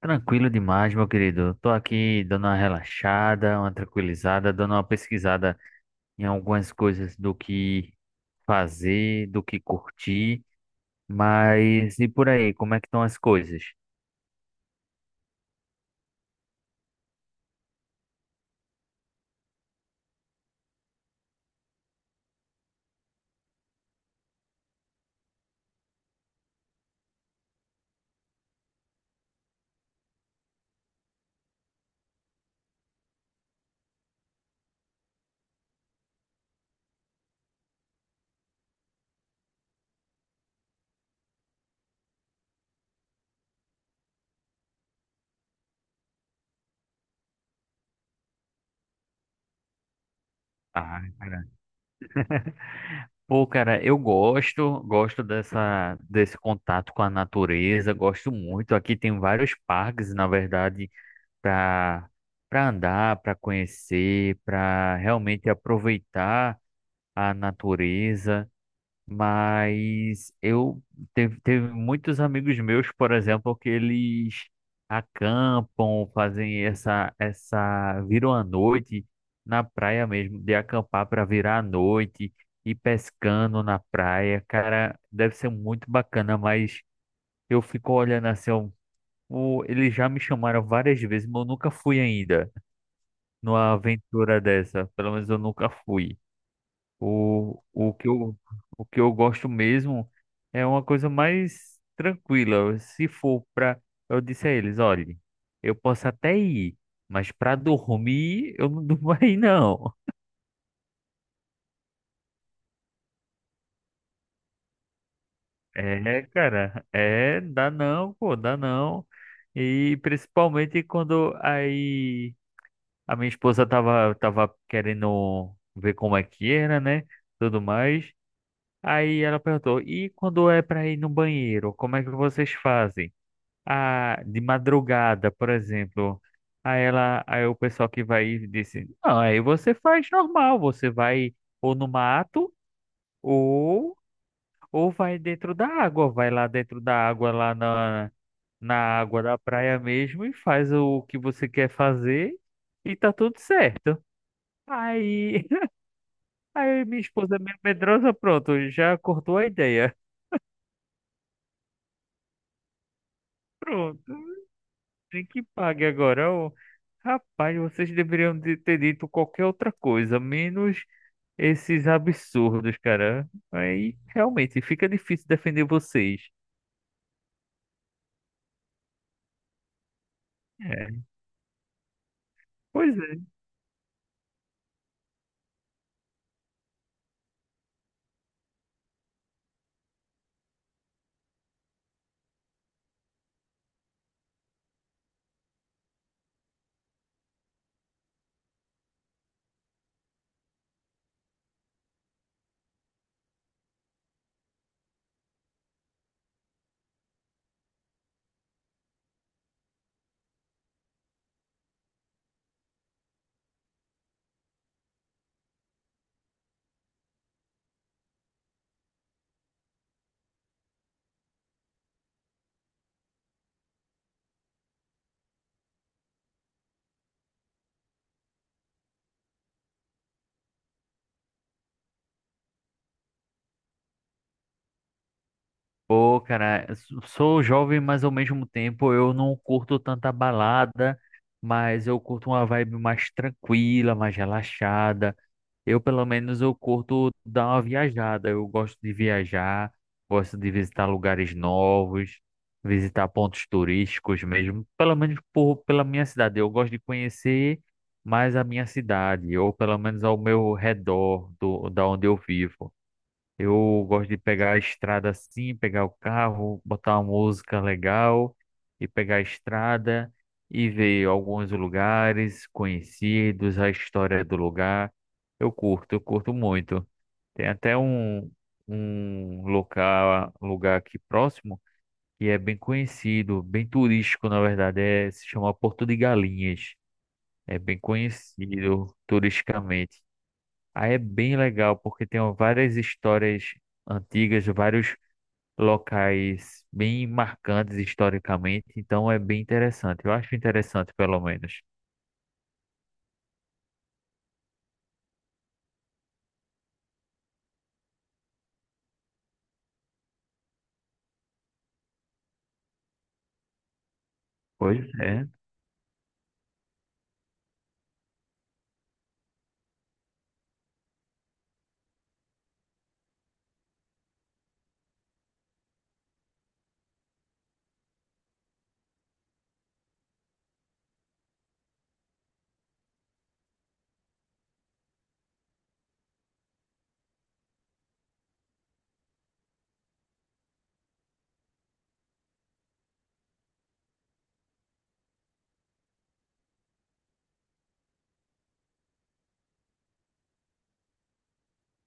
Tranquilo demais, meu querido. Tô aqui dando uma relaxada, uma tranquilizada, dando uma pesquisada em algumas coisas do que fazer, do que curtir. Mas e por aí, como é que estão as coisas? Ah, cara. Pô, cara, eu gosto, desse contato com a natureza, gosto muito. Aqui tem vários parques, na verdade, para andar, para conhecer, para realmente aproveitar a natureza. Mas eu teve muitos amigos meus, por exemplo, que eles acampam, fazem essa viram a noite na praia mesmo, de acampar para virar a noite e pescando na praia. Cara, deve ser muito bacana, mas eu fico olhando assim, ó, eles já me chamaram várias vezes, mas eu nunca fui ainda numa aventura dessa. Pelo menos eu nunca fui. O, o que eu, o que eu gosto mesmo é uma coisa mais tranquila. Se for para, eu disse a eles, olhe, eu posso até ir, mas para dormir eu não durmo aí não. É, cara, é, dá não, pô, dá não. E principalmente quando aí a minha esposa tava querendo ver como é que era, né? Tudo mais. Aí ela perguntou, e quando é para ir no banheiro, como é que vocês fazem? A, de madrugada, por exemplo. Aí o pessoal que vai e disse, não, aí você faz normal, você vai ou no mato ou ou vai dentro da água, vai lá dentro da água lá na água da praia mesmo e faz o que você quer fazer e tá tudo certo. Aí, aí minha esposa é meio medrosa, pronto, já cortou a ideia. Pronto. Tem que pague agora. Ô, rapaz, vocês ter dito qualquer outra coisa, menos esses absurdos, cara. Aí realmente fica difícil defender vocês. É. Pois é. Pô, cara, sou jovem, mas ao mesmo tempo eu não curto tanta balada, mas eu curto uma vibe mais tranquila, mais relaxada. Eu, pelo menos, eu curto dar uma viajada. Eu gosto de viajar, gosto de visitar lugares novos, visitar pontos turísticos mesmo. Pela minha cidade. Eu gosto de conhecer mais a minha cidade, ou pelo menos ao meu redor da onde eu vivo. Eu gosto de pegar a estrada assim, pegar o carro, botar uma música legal e pegar a estrada e ver alguns lugares conhecidos, a história do lugar. Eu curto muito. Tem até um, um local, lugar aqui próximo que é bem conhecido, bem turístico, na verdade, é, se chama Porto de Galinhas. É bem conhecido turisticamente. Aí é bem legal, porque tem várias histórias antigas, vários locais bem marcantes historicamente, então é bem interessante. Eu acho interessante, pelo menos. Pois é.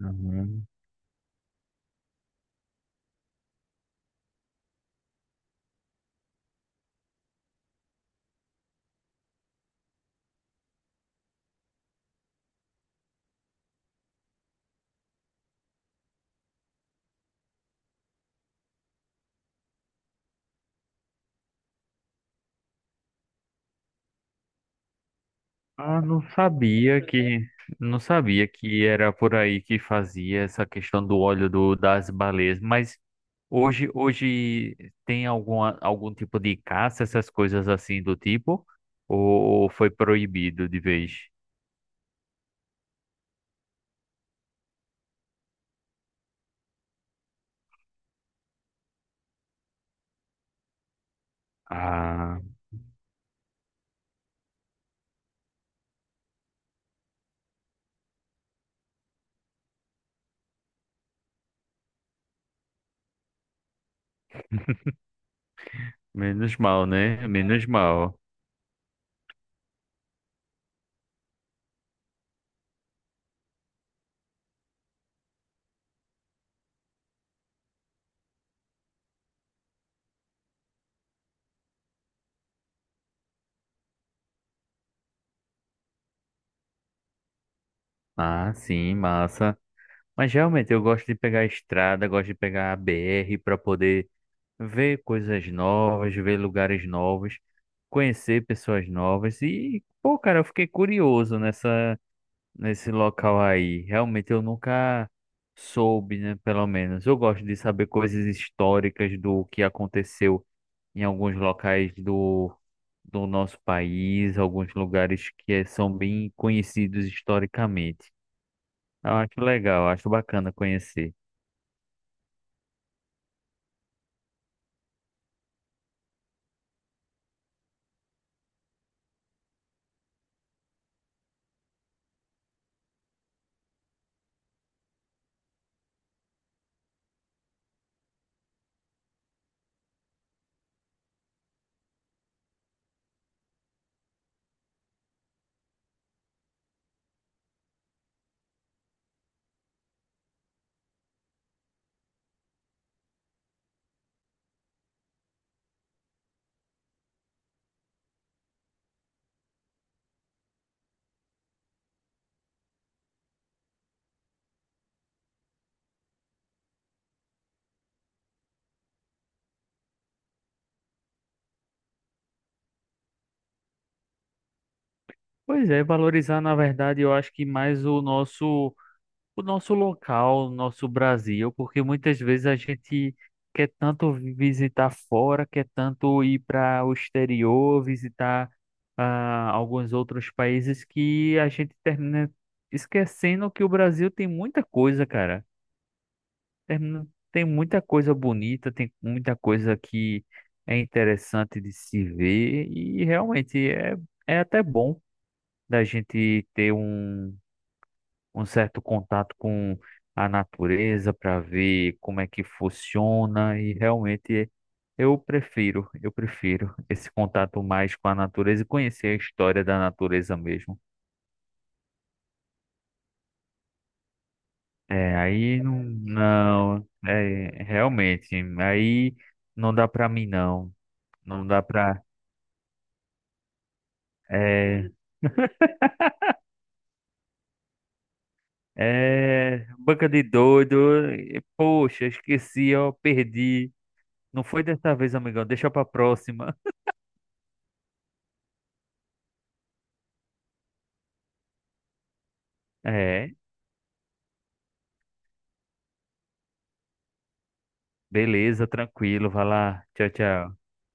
Uhum. Ah, não sabia que era por aí que fazia essa questão do óleo das baleias, mas hoje tem algum tipo de caça, essas coisas assim do tipo, ou, ou foi proibido de vez? Ah. Menos mal, né? Menos mal. Ah, sim, massa. Mas realmente eu gosto de pegar a estrada, gosto de pegar a BR para poder ver coisas novas, ver lugares novos, conhecer pessoas novas. E, pô, cara, eu fiquei curioso nessa, nesse local aí. Realmente eu nunca soube, né? Pelo menos. Eu gosto de saber coisas históricas do que aconteceu em alguns locais do nosso país, alguns lugares que eh, são bem conhecidos historicamente. Eu acho legal, acho bacana conhecer. Pois é, valorizar, na verdade, eu acho que mais o nosso local, o nosso Brasil, porque muitas vezes a gente quer tanto visitar fora, quer tanto ir para o exterior, visitar alguns outros países que a gente termina esquecendo que o Brasil tem muita coisa, cara. Tem tem muita coisa bonita, tem muita coisa que é interessante de se ver e realmente é, é até bom da gente um certo contato com a natureza para ver como é que funciona e realmente eu prefiro esse contato mais com a natureza e conhecer a história da natureza mesmo. É, aí não, é realmente, aí não dá para mim não. Não dá pra. É, é, banca de doido. E, poxa, esqueci, ó, perdi. Não foi dessa vez, amigão. Deixa pra próxima. É, beleza, tranquilo. Vai lá. Tchau, tchau.